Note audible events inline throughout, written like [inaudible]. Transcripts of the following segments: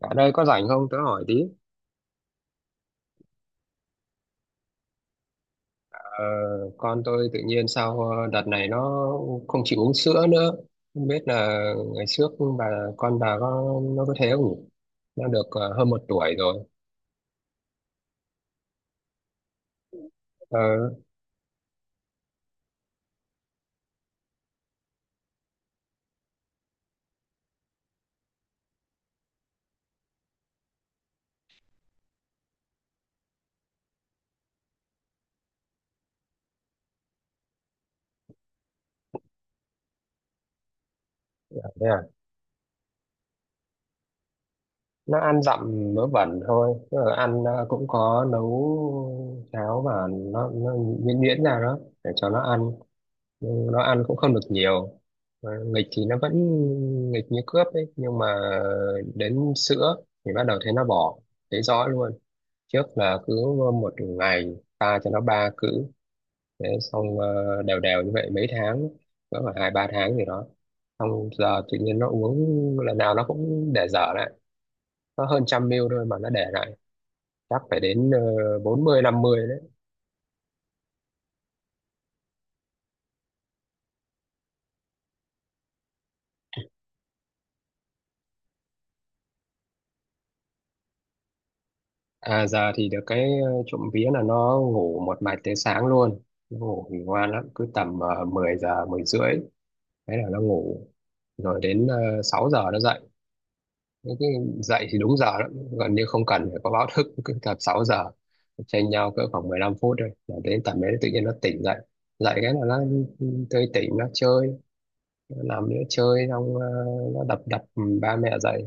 Bạn ơi có rảnh không? Tớ hỏi tí. Ờ, con tôi tự nhiên sau đợt này nó không chịu uống sữa nữa. Không biết là ngày trước bà con bà có nó có thế không nhỉ? Nó được hơn 1 tuổi rồi. Ờ, thế à? Nó ăn dặm mớ bẩn thôi. Tức là ăn cũng có nấu cháo, và nó nhuyễn nhuyễn ra đó để cho nó ăn, nhưng nó ăn cũng không được nhiều. Mà nghịch thì nó vẫn nghịch như cướp ấy, nhưng mà đến sữa thì bắt đầu thấy nó bỏ, thấy rõ luôn. Trước là cứ một ngày ta cho nó 3 cữ, thế xong đều đều như vậy mấy tháng, cỡ khoảng 2-3 tháng gì đó. Xong giờ tự nhiên nó uống, lần nào nó cũng để dở lại, nó hơn 100 ml thôi mà nó để lại chắc phải đến 40-50. À, giờ thì được cái trộm vía là nó ngủ một mạch tới sáng luôn. Nó ngủ thì ngoan lắm, cứ tầm 10 giờ, 10:30, thế là nó ngủ. Rồi đến 6 giờ nó dậy. Thế cái dậy thì đúng giờ lắm, gần như không cần phải có báo thức, cứ tầm 6 giờ. Chênh nhau cỡ khoảng 15 phút thôi. Là đến tầm đấy tự nhiên nó tỉnh dậy. Dậy cái là nó tươi tỉnh, nó chơi, nó nằm nữa chơi, xong nó đập đập ba mẹ dậy.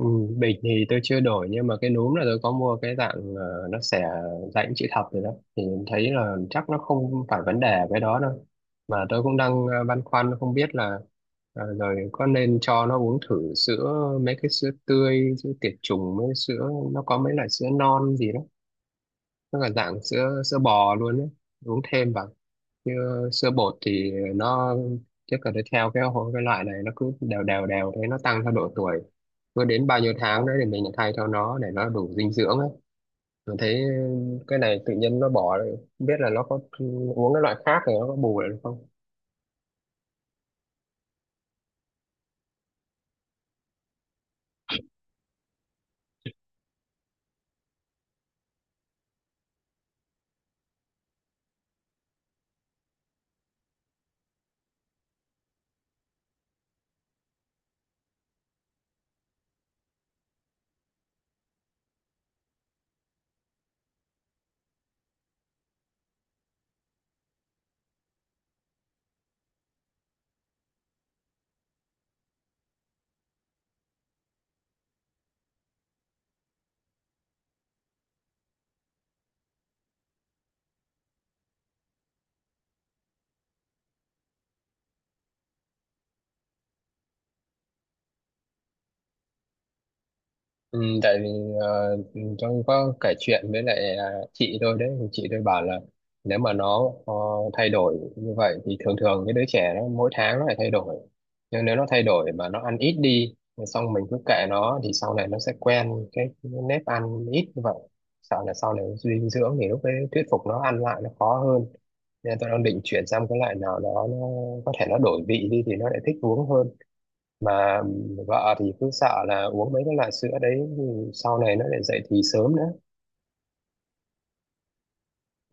Ừ, bịch thì tôi chưa đổi, nhưng mà cái núm là tôi có mua cái dạng nó xẻ dạng chữ thập rồi đó. Thì thấy là chắc nó không phải vấn đề cái đó đâu, mà tôi cũng đang băn khoăn không biết là rồi có nên cho nó uống thử sữa, mấy cái sữa tươi, sữa tiệt trùng, mấy sữa nó có mấy loại sữa non gì đó, nó là dạng sữa sữa bò luôn đấy, uống thêm vào. Chứ sữa bột thì nó chắc là nó theo cái loại này, nó cứ đều đều đều thế nó tăng theo độ tuổi, cứ đến bao nhiêu tháng đấy thì mình lại thay cho nó để nó đủ dinh dưỡng ấy. Mình thấy cái này tự nhiên nó bỏ rồi, không biết là nó có uống cái loại khác thì nó có bù lại được không. Ừ, tại vì ờ, trong có kể chuyện với lại chị tôi đấy, thì chị tôi bảo là nếu mà nó thay đổi như vậy thì thường thường cái đứa trẻ nó mỗi tháng nó lại thay đổi. Nhưng nếu nó thay đổi mà nó ăn ít đi, xong mình cứ kệ nó thì sau này nó sẽ quen cái nếp ăn ít như vậy. Sợ là sau này dinh dưỡng thì lúc đấy thuyết phục nó ăn lại nó khó hơn, nên tôi đang định chuyển sang cái loại nào đó nó có thể nó đổi vị đi thì nó lại thích uống hơn. Mà vợ thì cứ sợ là uống mấy cái loại sữa đấy thì sau này nó lại dậy thì sớm nữa,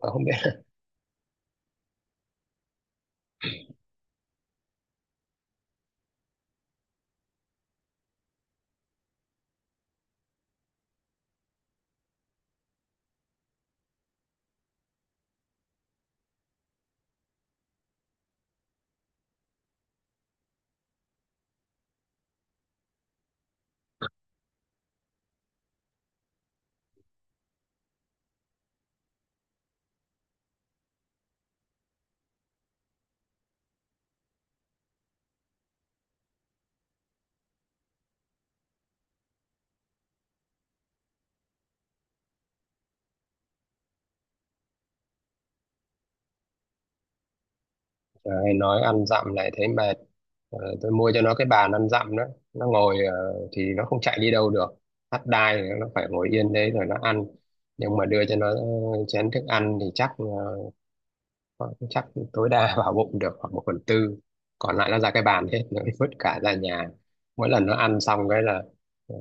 mà không biết. [laughs] Trời, nói ăn dặm lại thấy mệt. Tôi mua cho nó cái bàn ăn dặm đó, nó ngồi thì nó không chạy đi đâu được, thắt đai thì nó phải ngồi yên đấy rồi nó ăn. Nhưng mà đưa cho nó chén thức ăn thì chắc tối đa vào bụng được khoảng một phần tư, còn lại nó ra cái bàn hết, nó vứt cả ra nhà. Mỗi lần nó ăn xong cái là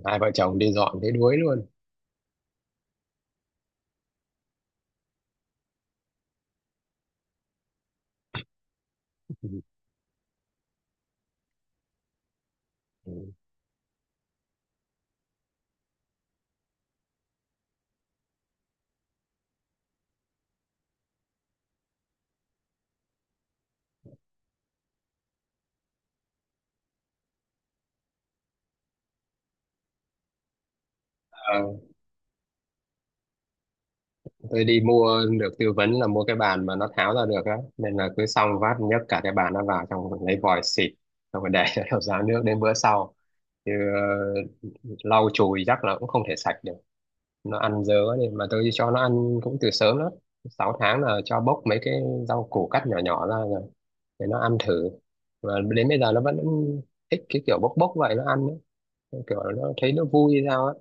hai vợ chồng đi dọn thấy đuối luôn. [laughs] Ừ. Tôi đi mua được tư vấn là mua cái bàn mà nó tháo ra được á, nên là cứ xong vát nhấc cả cái bàn nó vào trong lấy vòi xịt, xong rồi để [laughs] nó ráo nước đến bữa sau, chứ lau chùi chắc là cũng không thể sạch được. Nó ăn dớ đi mà. Tôi cho nó ăn cũng từ sớm lắm, 6 tháng là cho bốc mấy cái rau củ cắt nhỏ nhỏ ra rồi để nó ăn thử, và đến bây giờ nó vẫn thích cái kiểu bốc bốc vậy nó ăn ấy. Kiểu nó thấy nó vui hay sao á.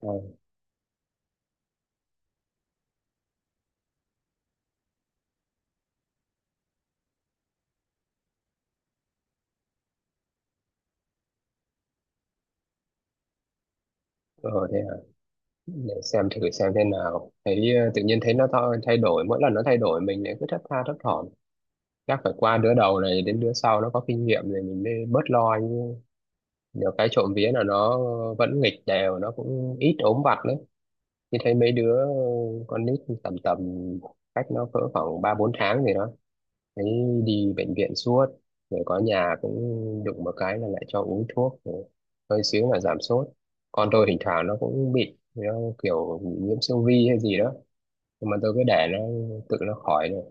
Ờ, ờ, thế để xem thử xem thế nào, thấy tự nhiên thấy nó thay đổi, mỗi lần nó thay đổi mình lại cứ thất tha thất thỏm. Chắc phải qua đứa đầu này đến đứa sau nó có kinh nghiệm rồi mình mới bớt lo chứ. Nhiều cái trộm vía là nó vẫn nghịch đều, nó cũng ít ốm vặt đấy, như thấy mấy đứa con nít tầm tầm cách nó cỡ khoảng 3-4 tháng gì đó thấy đi bệnh viện suốt. Rồi có nhà cũng đụng một cái là lại cho uống thuốc rồi, hơi xíu là giảm sốt. Con tôi thỉnh thoảng nó cũng bị, nó kiểu bị nhiễm siêu vi hay gì đó, nhưng mà tôi cứ để nó tự nó khỏi được.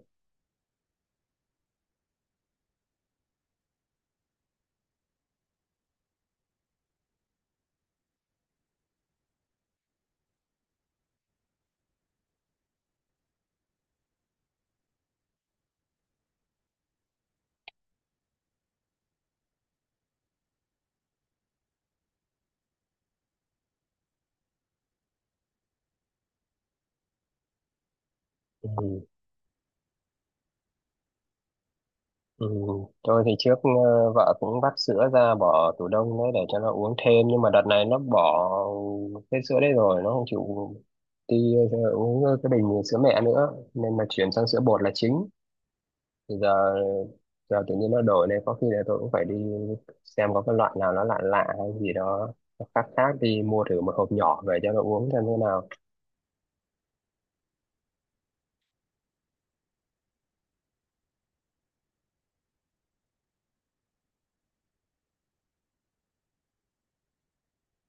Ừ. Ừ. Tôi thì trước vợ cũng vắt sữa ra bỏ tủ đông đấy để cho nó uống thêm, nhưng mà đợt này nó bỏ cái sữa đấy rồi, nó không chịu đi uống cái bình sữa mẹ nữa, nên mà chuyển sang sữa bột là chính. Thì giờ giờ tự nhiên nó đổi này, có khi là tôi cũng phải đi xem có cái loại nào nó lạ lạ hay gì đó, nó khác khác, đi mua thử một hộp nhỏ về cho nó uống xem thế nào.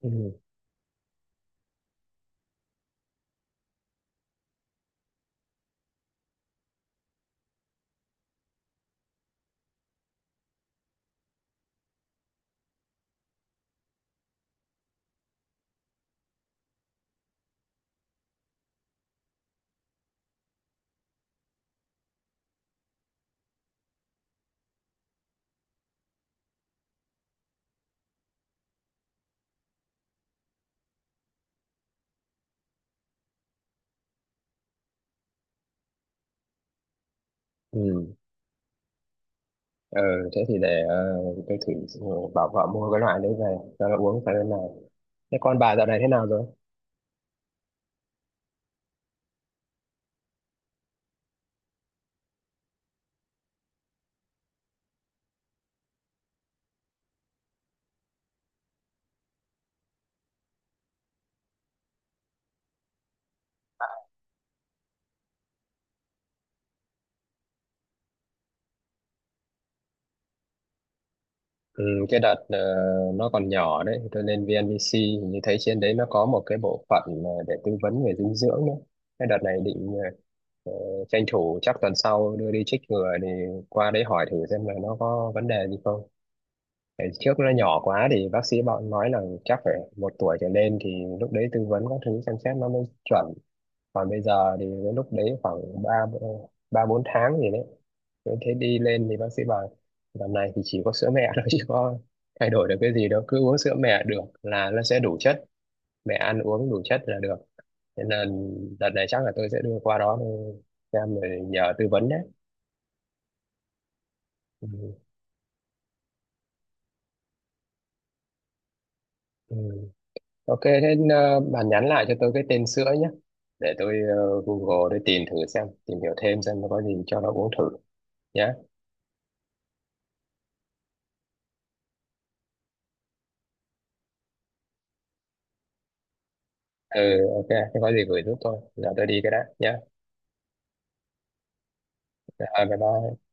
Ừ. Ừ. ờ thế thì để tôi thử bảo vợ mua cái loại đấy về cho nó uống phải bên nào. Thế con bà dạo này thế nào rồi? Ừ, cái đợt nó còn nhỏ đấy, thì tôi lên VNVC hình như thấy trên đấy nó có một cái bộ phận để tư vấn về dinh dưỡng nữa. Cái đợt này định ờ, tranh thủ chắc tuần sau đưa đi chích ngừa, thì qua đấy hỏi thử xem là nó có vấn đề gì không. Tại trước nó nhỏ quá thì bác sĩ bọn nói là chắc phải 1 tuổi trở lên thì lúc đấy tư vấn các thứ xem xét nó mới chuẩn, còn bây giờ thì cái lúc đấy khoảng ba ba bốn tháng gì đấy. Thế thế đi lên thì bác sĩ bảo tầm này thì chỉ có sữa mẹ thôi [laughs] chứ có thay đổi được cái gì đâu, cứ uống sữa mẹ được là nó sẽ đủ chất, mẹ ăn uống đủ chất là được, thế nên đợt này chắc là tôi sẽ đưa qua đó để xem rồi nhờ tư vấn đấy. Ừ. Ừ. Ok, thế bạn nhắn lại cho tôi cái tên sữa nhé, để tôi Google để tìm thử xem, tìm hiểu thêm xem nó có gì cho nó uống thử nhé. Ừ, ok, không có gì gửi giúp tôi, giờ tôi đi cái đã nhé. À, bye bye.